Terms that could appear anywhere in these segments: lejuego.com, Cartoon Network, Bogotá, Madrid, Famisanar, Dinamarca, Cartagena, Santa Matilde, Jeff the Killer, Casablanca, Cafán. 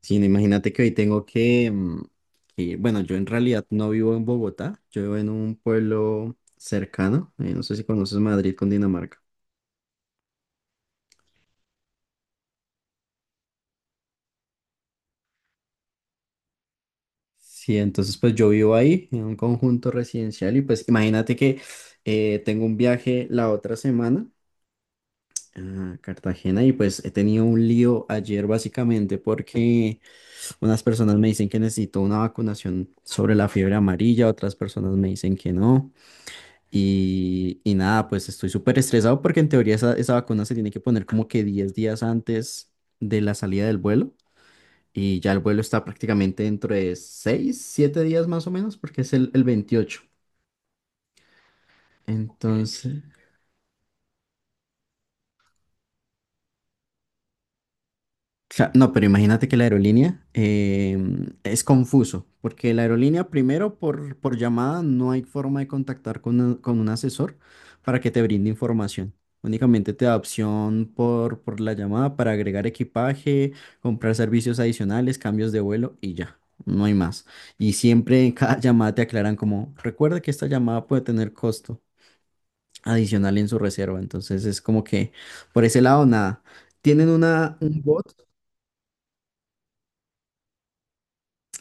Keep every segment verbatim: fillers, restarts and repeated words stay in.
Sí, no, imagínate que hoy tengo que, mm, que, bueno, yo en realidad no vivo en Bogotá, yo vivo en un pueblo cercano, eh, no sé si conoces Madrid con Dinamarca. Sí, entonces pues yo vivo ahí en un conjunto residencial y pues imagínate que eh, tengo un viaje la otra semana a Cartagena y pues he tenido un lío ayer básicamente porque unas personas me dicen que necesito una vacunación sobre la fiebre amarilla, otras personas me dicen que no. Y, y nada, pues estoy súper estresado porque en teoría esa, esa vacuna se tiene que poner como que diez días antes de la salida del vuelo. Y ya el vuelo está prácticamente dentro de seis siete días más o menos porque es el, el veintiocho. Ok. Entonces. Cla- No, pero imagínate que la aerolínea eh, es confuso, porque la aerolínea primero por, por llamada no hay forma de contactar con, un- con un asesor para que te brinde información. Únicamente te da opción por, por la llamada para agregar equipaje, comprar servicios adicionales, cambios de vuelo y ya, no hay más. Y siempre en cada llamada te aclaran como, recuerda que esta llamada puede tener costo adicional en su reserva, entonces es como que por ese lado nada. Tienen una, un bot.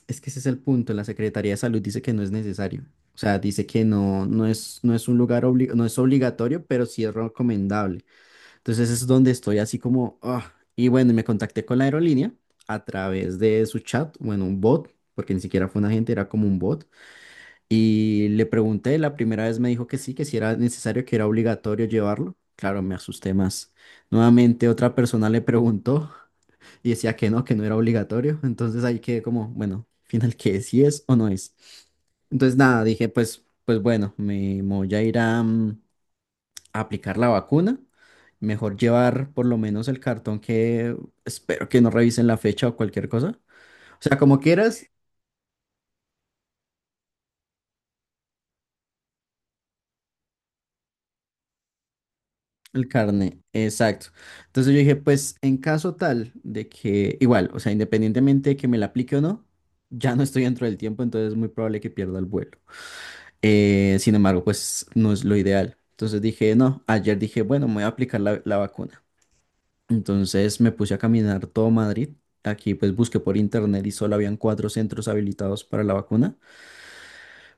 Es que ese es el punto. La Secretaría de Salud dice que no es necesario. O sea, dice que no, no es, no es un lugar obli- no es obligatorio, pero sí es recomendable. Entonces es donde estoy así como, ah. Y bueno, me contacté con la aerolínea a través de su chat, bueno, un bot, porque ni siquiera fue un agente, era como un bot. Y le pregunté, la primera vez me dijo que sí, que si era necesario, que era obligatorio llevarlo. Claro, me asusté más. Nuevamente otra persona le preguntó y decía que no, que no era obligatorio. Entonces ahí quedé como, bueno, final que si es o no es. Entonces nada, dije, pues, pues bueno, me voy a ir a, mm, a aplicar la vacuna. Mejor llevar por lo menos el cartón que espero que no revisen la fecha o cualquier cosa. O sea, como quieras, el carne, exacto. Entonces yo dije, pues en caso tal de que, igual, o sea, independientemente de que me la aplique o no, ya no estoy dentro del tiempo, entonces es muy probable que pierda el vuelo. Eh, sin embargo, pues no es lo ideal. Entonces dije, no, ayer dije, bueno, me voy a aplicar la, la vacuna. Entonces me puse a caminar todo Madrid. Aquí pues busqué por internet y solo habían cuatro centros habilitados para la vacuna.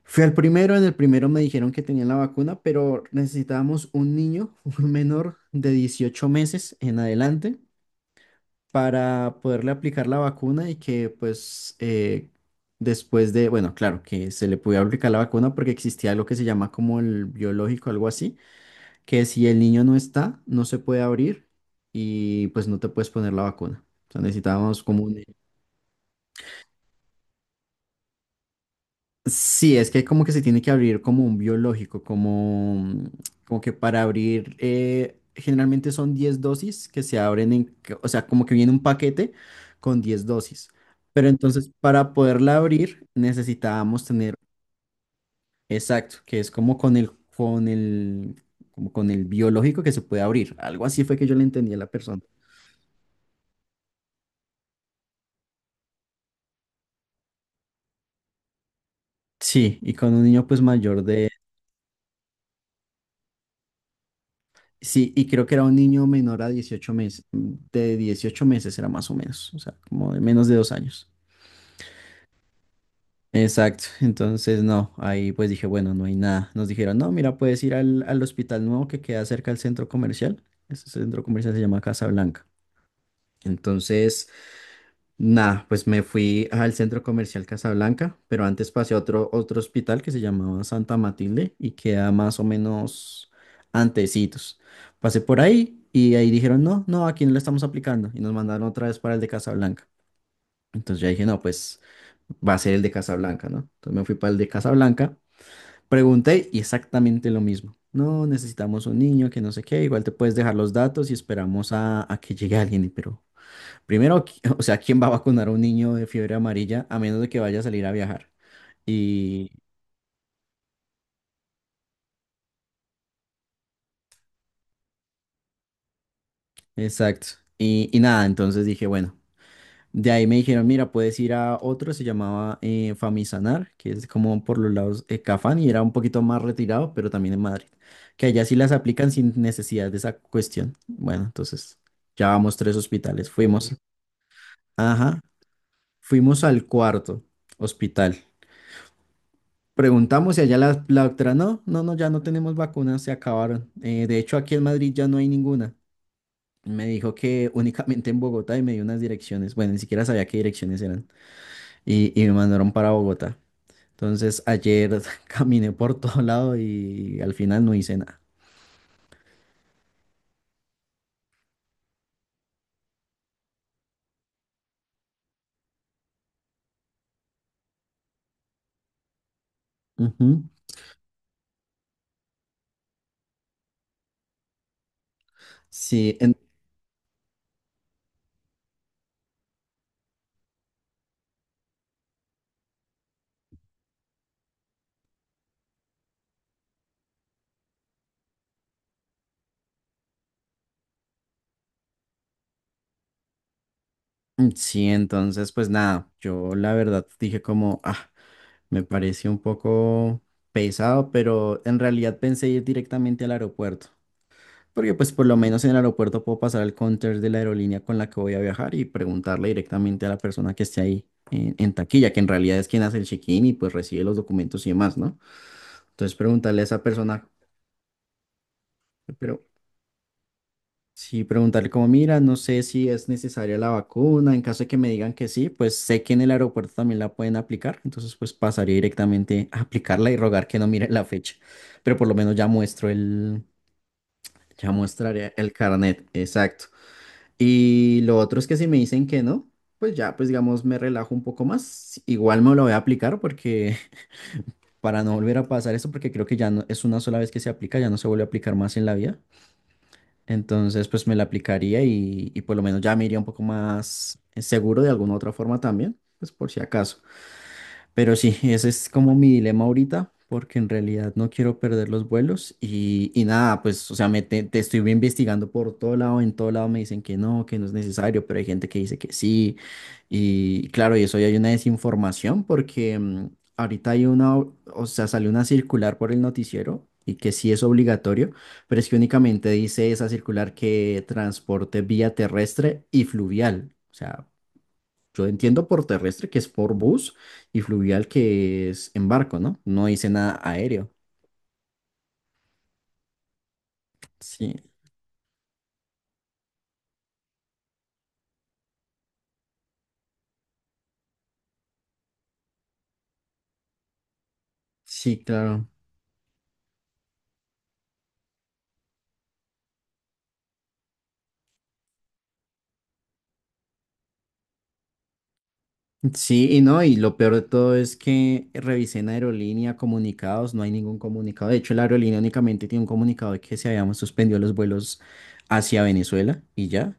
Fui al primero, en el primero me dijeron que tenían la vacuna, pero necesitábamos un niño, un menor de dieciocho meses en adelante para poderle aplicar la vacuna y que pues eh, después de, bueno, claro, que se le pudiera aplicar la vacuna porque existía lo que se llama como el biológico, algo así, que si el niño no está, no se puede abrir y pues no te puedes poner la vacuna. O sea, necesitábamos como un. Sí, es que como que se tiene que abrir como un biológico, como, como que para abrir, eh, generalmente son diez dosis que se abren en, ca- o sea, como que viene un paquete con diez dosis. Pero entonces para poderla abrir necesitábamos tener, exacto, que es como con el, con el, como con el biológico que se puede abrir. Algo así fue que yo le entendí a la persona. Sí, y con un niño pues mayor. Sí, y creo que era un niño menor a dieciocho meses, de dieciocho meses era más o menos, o sea, como de menos de dos años. Exacto, entonces no, ahí pues dije, bueno, no hay nada. Nos dijeron, no, mira, puedes ir al, al hospital nuevo que queda cerca del centro comercial. Ese centro comercial se llama Casa Blanca. Entonces nah, pues me fui al centro comercial Casablanca, pero antes pasé a otro, otro hospital que se llamaba Santa Matilde y queda más o menos antecitos. Pasé por ahí y ahí dijeron, no, no, aquí no le estamos aplicando y nos mandaron otra vez para el de Casablanca. Entonces ya dije, no, pues va a ser el de Casablanca, ¿no? Entonces me fui para el de Casablanca, pregunté y exactamente lo mismo. No, necesitamos un niño que no sé qué, igual te puedes dejar los datos y esperamos a, a que llegue alguien, y pero... Primero, qui- o sea, ¿quién va a vacunar a un niño de fiebre amarilla a menos de que vaya a salir a viajar? Y, exacto. Y, y nada, entonces dije, bueno, de ahí me dijeron, mira, puedes ir a otro, se llamaba eh, Famisanar, que es como por los lados de Cafán y era un poquito más retirado, pero también en Madrid, que allá sí las aplican sin necesidad de esa cuestión. Bueno, entonces ya vamos tres hospitales, fuimos, ajá, fuimos al cuarto hospital. Preguntamos y allá la, la doctora, no, no, no, ya no tenemos vacunas, se acabaron. Eh, de hecho, aquí en Madrid ya no hay ninguna. Me dijo que únicamente en Bogotá y me dio unas direcciones. Bueno, ni siquiera sabía qué direcciones eran. Y, y me mandaron para Bogotá. Entonces, ayer caminé por todo lado y al final no hice nada. Ujú. Sí, en- sí, entonces, pues nada, yo la verdad dije como, ah, me pareció un poco pesado, pero en realidad pensé ir directamente al aeropuerto. Porque pues por lo menos en el aeropuerto puedo pasar al counter de la aerolínea con la que voy a viajar y preguntarle directamente a la persona que esté ahí en, en taquilla, que en realidad es quien hace el check-in y pues recibe los documentos y demás, ¿no? Entonces preguntarle a esa persona, pero sí, preguntarle como, mira, no sé si es necesaria la vacuna, en caso de que me digan que sí, pues sé que en el aeropuerto también la pueden aplicar, entonces pues pasaría directamente a aplicarla y rogar que no mire la fecha, pero por lo menos ya muestro el, ya mostraré el carnet, exacto. Y lo otro es que si me dicen que no, pues ya, pues digamos, me relajo un poco más. Igual me lo voy a aplicar porque para no volver a pasar eso, porque creo que ya no es una sola vez que se aplica, ya no se vuelve a aplicar más en la vida. Entonces, pues me la aplicaría y, y por lo menos ya me iría un poco más seguro de alguna otra forma también, pues por si acaso. Pero sí, ese es como mi dilema ahorita, porque en realidad no quiero perder los vuelos y, y nada, pues, o sea, me te, te estoy investigando por todo lado, en todo lado me dicen que no, que no es necesario, pero hay gente que dice que sí. Y claro, y eso ya hay una desinformación porque mm, ahorita hay una, o o sea, salió una circular por el noticiero y que sí es obligatorio, pero es que únicamente dice esa circular que transporte vía terrestre y fluvial. O sea, yo entiendo por terrestre que es por bus y fluvial que es en barco, ¿no? No dice nada aéreo. Sí, sí, claro. Sí, y no, y lo peor de todo es que revisé en aerolínea comunicados, no hay ningún comunicado. De hecho, la aerolínea únicamente tiene un comunicado de que se habían suspendido los vuelos hacia Venezuela y ya.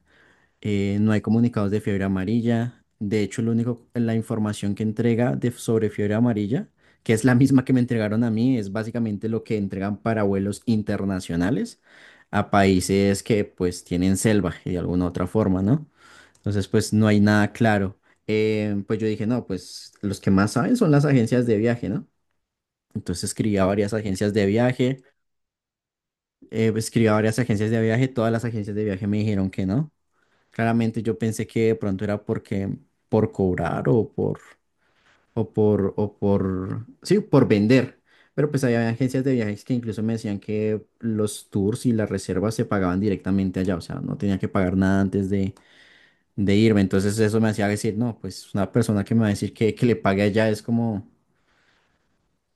eh, No hay comunicados de fiebre amarilla. De hecho, lo único, la información que entrega de, sobre fiebre amarilla, que es la misma que me entregaron a mí, es básicamente lo que entregan para vuelos internacionales a países que pues tienen selva y de alguna otra forma, ¿no? Entonces, pues no hay nada claro. Eh, pues yo dije, no, pues los que más saben son las agencias de viaje, ¿no? Entonces escribí a varias agencias de viaje, eh, escribí a varias agencias de viaje, todas las agencias de viaje me dijeron que no. Claramente yo pensé que de pronto era porque por cobrar o por o por o por sí, por vender. Pero pues había agencias de viajes que incluso me decían que los tours y las reservas se pagaban directamente allá, o sea, no tenía que pagar nada antes de, de irme. Entonces eso me hacía decir, no, pues una persona que me va a decir que, que le pague allá es como,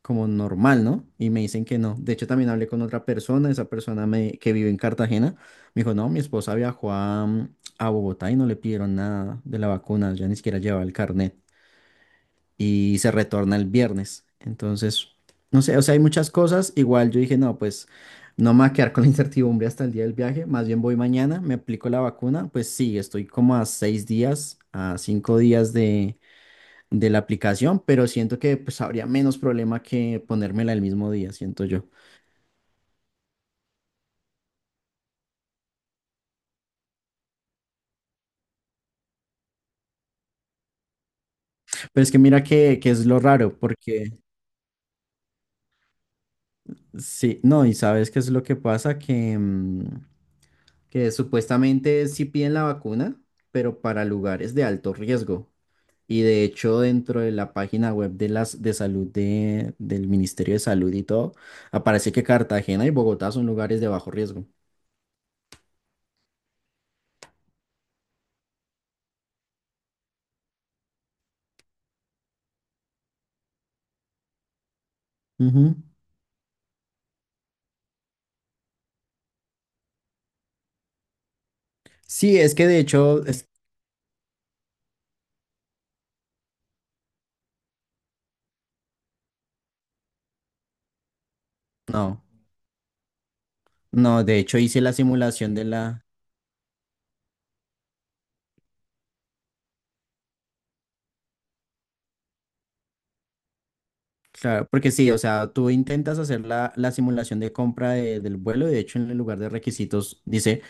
como normal, ¿no? Y me dicen que no. De hecho, también hablé con otra persona, esa persona me, que vive en Cartagena, me dijo, no, mi esposa viajó a, mm, a Bogotá y no le pidieron nada de la vacuna, ya ni siquiera llevaba el carnet y se retorna el viernes. Entonces, no sé, o sea, hay muchas cosas. Igual yo dije, no, pues no me voy a quedar con la incertidumbre hasta el día del viaje, más bien voy mañana, me aplico la vacuna, pues sí, estoy como a seis días, a cinco días de de la aplicación, pero siento que pues habría menos problema que ponérmela el mismo día, siento yo. Pero es que mira que, que es lo raro, porque sí, no, y sabes qué es lo que pasa, que, mm, que supuestamente sí piden la vacuna, pero para lugares de alto riesgo. Y de hecho, dentro de la página web de las de salud de, del Ministerio de Salud y todo, aparece que Cartagena y Bogotá son lugares de bajo riesgo. Ujú. Sí, es que de hecho, es- no, no, de hecho hice la simulación de la. Claro, porque sí, o sea, tú intentas hacer la, la simulación de compra de- del vuelo, y de hecho en el lugar de requisitos dice,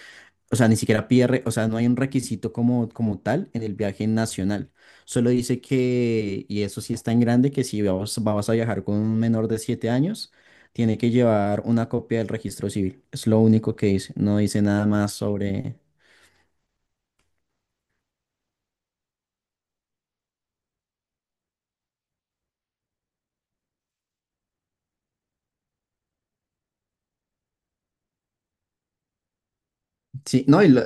o sea, ni siquiera pide, re- o sea, no hay un requisito como, como tal en el viaje nacional. Solo dice que, y eso sí es tan grande, que si vas, vas a viajar con un menor de siete años, tiene que llevar una copia del registro civil. Es lo único que dice, no dice nada más sobre... Sí, no, y lo-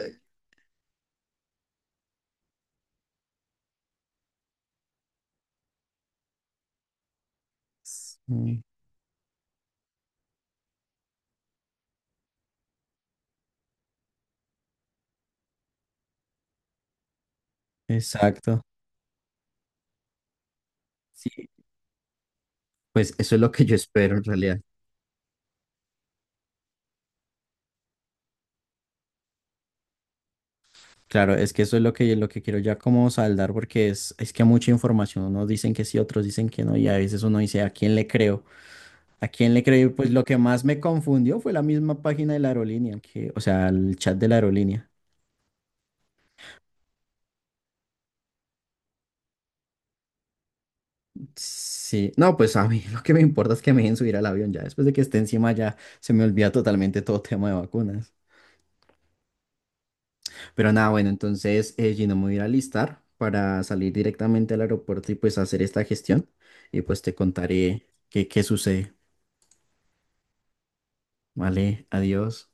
mm. Exacto. Sí, pues eso es lo que yo espero en realidad. Claro, es que eso es lo que, lo que, quiero ya como saldar porque es, es que mucha información, unos dicen que sí, otros dicen que no y a veces uno dice, ¿a quién le creo? ¿A quién le creo? Y pues lo que más me confundió fue la misma página de la aerolínea, que, o sea, el chat de la aerolínea. Sí, no, pues a mí lo que me importa es que me dejen subir al avión ya, después de que esté encima ya se me olvida totalmente todo tema de vacunas. Pero nada, bueno, entonces eh, Gino, me voy a ir a alistar para salir directamente al aeropuerto y pues hacer esta gestión y pues te contaré qué, qué sucede. Vale, adiós.